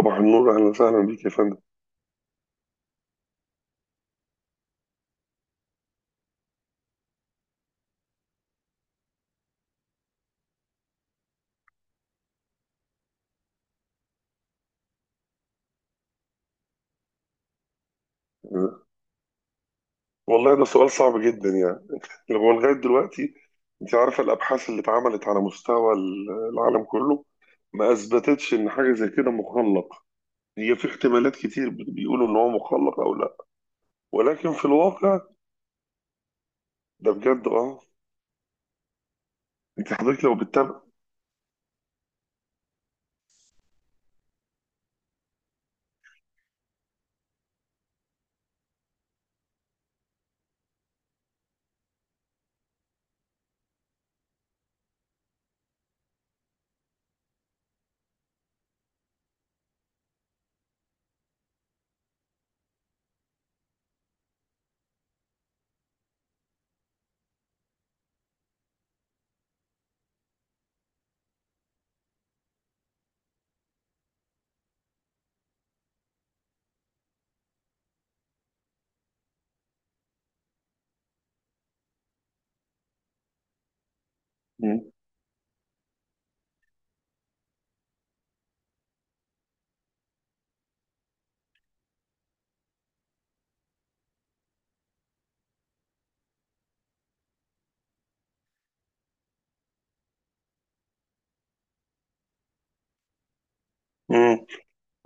صباح النور، اهلا وسهلا بيك يا فندم. والله ده سؤال صعب جدا يعني. لو هو لغايه دلوقتي، انت عارفه الابحاث اللي اتعملت على مستوى العالم كله، ما اثبتتش ان حاجه زي كده مخلق. هي في احتمالات كتير بيقولوا ان هو مخلق او لا، ولكن في الواقع ده بجد اه. انت حضرتك لو بتتابع. مم. مم.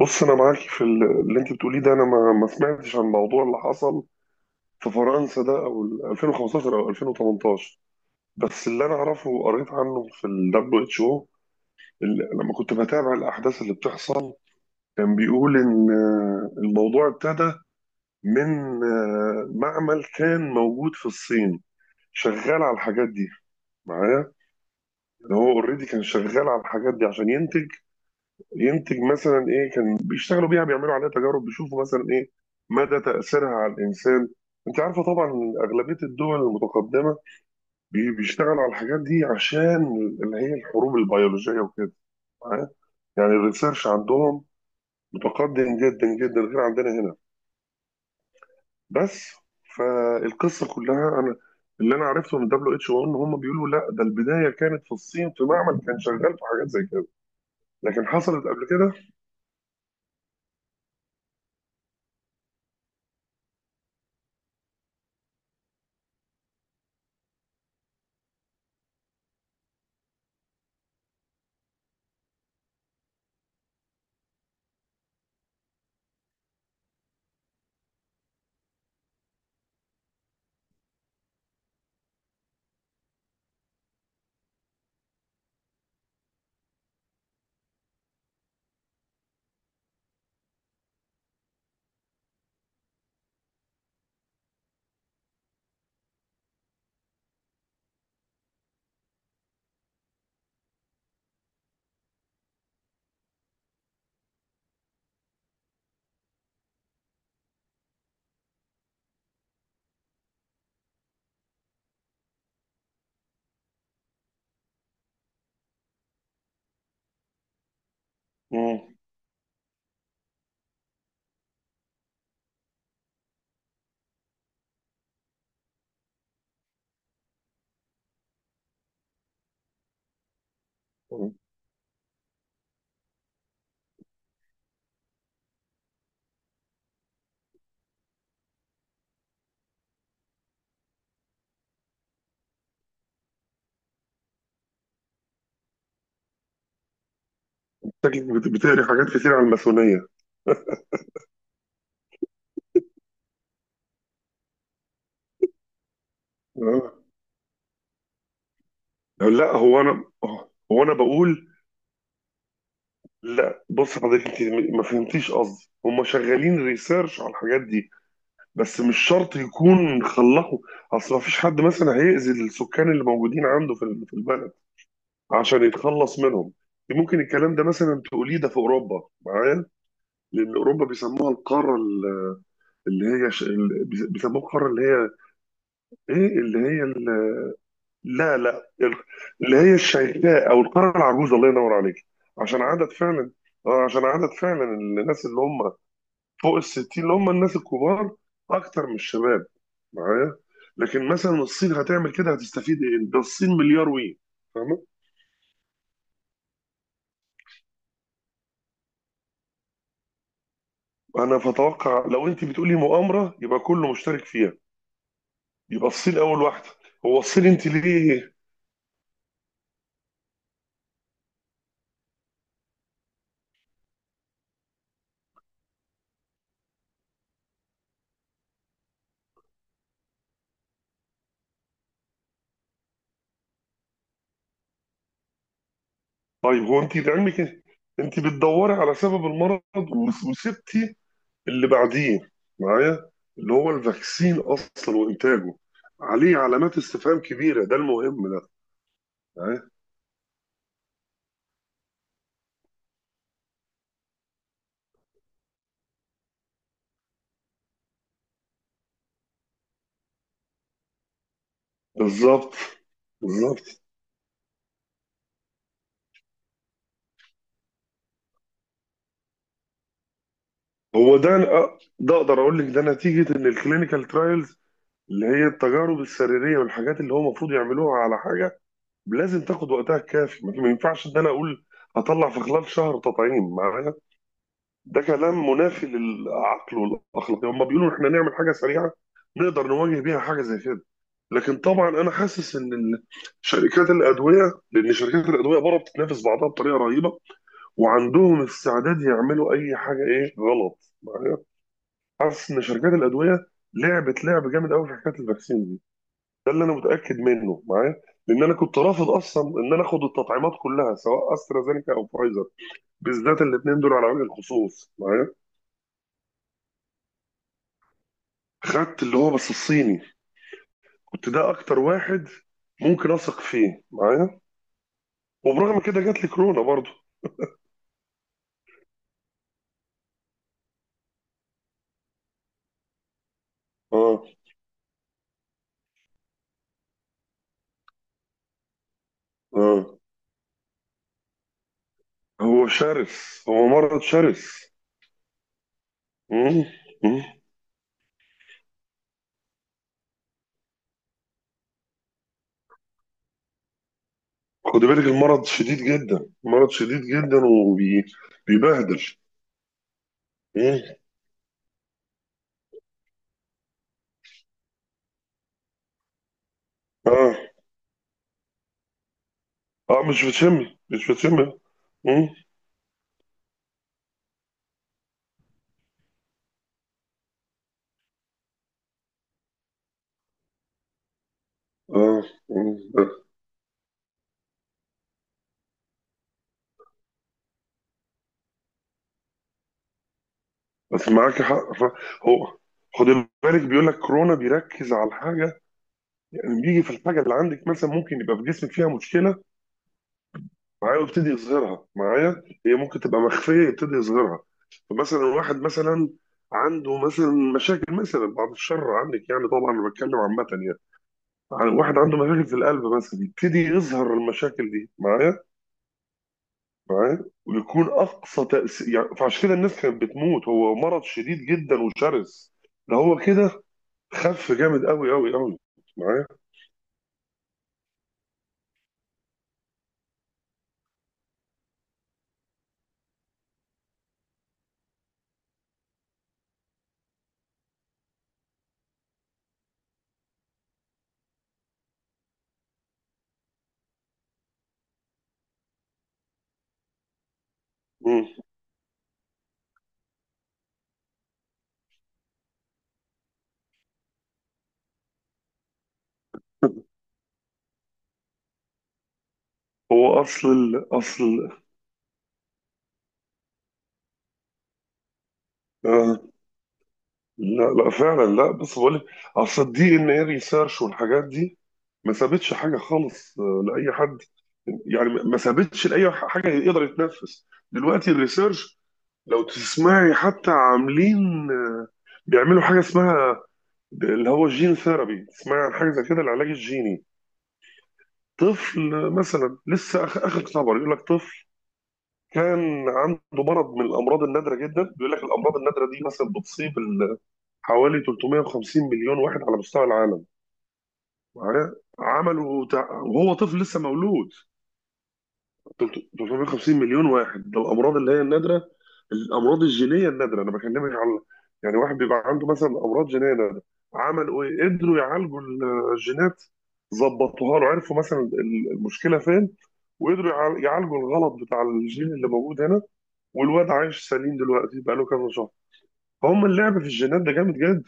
بص انا معاكي في اللي انت بتقوليه ده، انا ما سمعتش عن الموضوع اللي حصل في فرنسا ده، او ال 2015 او 2018. بس اللي انا اعرفه وقريت عنه في ال WHO، لما كنت بتابع الأحداث اللي بتحصل، كان بيقول إن الموضوع ابتدى من معمل كان موجود في الصين شغال على الحاجات دي. معايا؟ إن هو اوريدي كان شغال على الحاجات دي عشان ينتج. ينتج مثلا ايه؟ كان بيشتغلوا بيها، بيعملوا عليها تجارب، بيشوفوا مثلا ايه مدى تأثيرها على الإنسان. انت عارفه طبعا أغلبية الدول المتقدمة بيشتغلوا على الحاجات دي عشان اللي هي الحروب البيولوجية وكده. معايا؟ يعني الريسيرش عندهم متقدم جدا جدا غير عندنا هنا. بس فالقصه كلها انا، اللي انا عرفته من دبليو اتش او ان هم بيقولوا لا، ده البدايه كانت في الصين، في معمل كان شغال في حاجات زي كده، لكن حصلت قبل كده. مم. شكلك بتقري حاجات كتير عن الماسونيه. آه. لا هو انا، هو انا بقول، لا بص حضرتك، انت ما فهمتيش قصدي. هم شغالين ريسيرش على الحاجات دي، بس مش شرط يكون خلصوا. اصل ما فيش حد مثلا هيأذي السكان اللي موجودين عنده في في البلد عشان يتخلص منهم. ممكن الكلام ده مثلا تقوليه ده في اوروبا. معايا؟ لان اوروبا بيسموها القاره ال- اللي هي ش... ال- بيس- بيسموها القاره اللي هي ايه، اللي هي... ال... لا لا اللي هي الشيخاء او القاره العجوزه، الله ينور عليك. عشان عدد فعلا، اه عشان عدد فعلا الناس اللي هم فوق ال 60، اللي هم الناس الكبار، اكتر من الشباب. معايا؟ لكن مثلا الصين هتعمل كده هتستفيد ايه؟ ده الصين مليار وي. انا بتوقع لو انت بتقولي مؤامره يبقى كله مشترك فيها، يبقى الصين اول واحده. هو الصين انت ليه؟ طيب هو انت لعلمك إيه؟ انت بتدوري على سبب المرض وسبتي اللي بعديه. معايا؟ اللي هو الفاكسين اصلا، وانتاجه عليه علامات استفهام كبيره، ده المهم ده. معايا؟ بالظبط. بالظبط. هو ده ده اقدر اقول لك ده نتيجه ان الكلينيكال ترايلز اللي هي التجارب السريريه والحاجات اللي هو المفروض يعملوها على حاجه، لازم تاخد وقتها الكافي. ما ينفعش ان انا اقول هطلع في خلال شهر تطعيم. معايا؟ ده كلام منافي للعقل والاخلاق. هم بيقولوا احنا نعمل حاجه سريعه نقدر نواجه بيها حاجه زي كده، لكن طبعا انا حاسس ان شركات الادويه، لان شركات الادويه بره بتتنافس بعضها بطريقه رهيبه، وعندهم استعداد يعملوا اي حاجه، ايه غلط. معايا؟ حاسس ان شركات الادويه لعبت لعب جامد قوي في حكايه الفاكسين دي. ده اللي انا متاكد منه. معايا؟ لان انا كنت رافض اصلا ان انا اخد التطعيمات كلها، سواء استرازينيكا او فايزر، بالذات الاثنين دول على وجه الخصوص. معايا؟ خدت اللي هو بس الصيني. كنت ده اكتر واحد ممكن اثق فيه. معايا؟ وبرغم كده جات لي كورونا برضو. اه. اه. هو شرس، هو مرض شرس. مم. مم. خد بالك، المرض شديد جدا، مرض شديد جدا وبيبهدل. اه. اه مش بتشمي، مش بتشمي. اه. آه. بس معاك حق هو خد بالك، بيقول لك كورونا بيركز على الحاجه. يعني بيجي في الحاجه اللي عندك، مثلا ممكن يبقى في جسمك فيها مشكله، معايا، ويبتدي يظهرها. معايا؟ هي ممكن تبقى مخفيه يبتدي يظهرها. فمثلا واحد مثلا عنده مثلا مشاكل، مثلا بعد الشر عنك، يعني طبعا انا بتكلم عامه يعني، واحد عنده مشاكل في القلب مثلا، يبتدي يظهر المشاكل دي. معايا؟ معايا؟ ويكون اقصى تاثير يعني، فعشان كده الناس كانت بتموت. هو مرض شديد جدا وشرس، ده هو كده، خف جامد قوي قوي قوي. معايا؟ مم. هو اصل ال... اصل ال... آه. لا لا فعلا، لا بص بقول لك، اصل الدي ان ايه ريسيرش والحاجات دي ما سابتش حاجه خالص لاي حد. يعني ما سابتش لاي حاجه يقدر يتنفس. دلوقتي الريسيرش لو تسمعي حتى، عاملين، آه، بيعملوا حاجه اسمها اللي هو الجين ثيرابي. تسمعي عن حاجه زي كده، العلاج الجيني. طفل مثلا لسه اخر خبر يقول لك طفل كان عنده مرض من الامراض النادره جدا. بيقول لك الامراض النادره دي مثلا بتصيب حوالي 350 مليون واحد على مستوى العالم. معايا؟ عملوا وهو طفل لسه مولود. 350 مليون واحد ده الامراض اللي هي النادره، الامراض الجينيه النادره انا بكلمك على، يعني واحد بيبقى عنده مثلا امراض جينيه نادره. عملوا ايه؟ قدروا يعالجوا الجينات، ظبطوها له، عرفوا مثلا المشكله فين، وقدروا يعالجوا الغلط بتاع الجين اللي موجود هنا، والواد عايش سليم دلوقتي، بقى له كذا شهر. فهم اللعب في الجينات ده جامد جدا.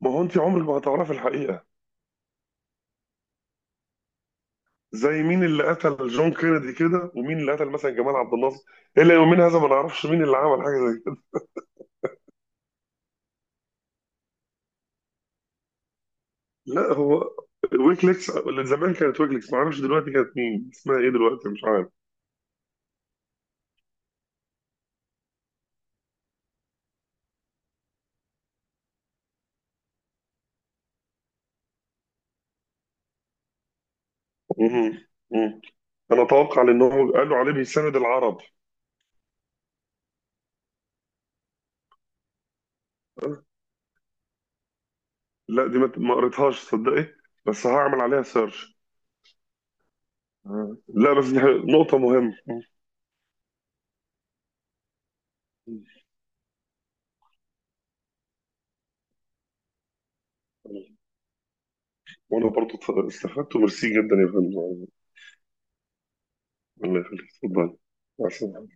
ما هو انت عمرك ما هتعرفي الحقيقه. زي مين اللي قتل جون كينيدي كده، ومين اللي قتل مثلا جمال عبد الناصر. الى يومين هذا ما نعرفش مين اللي عمل حاجه زي. لا هو ويكليكس، اللي زمان كانت ويكليكس ما اعرفش دلوقتي كانت مين، اسمها ايه دلوقتي مش عارف. مهم. مهم. انا اتوقع لان هو قالوا عليه بيساند العرب. لا دي ما قريتهاش تصدقي، بس هعمل عليها سيرش. لا بس دي نقطة مهمة. مم. وانا برضو استفدت، وميرسي جدا يا فندم. الله يخليك، اتفضل. مع السلامة.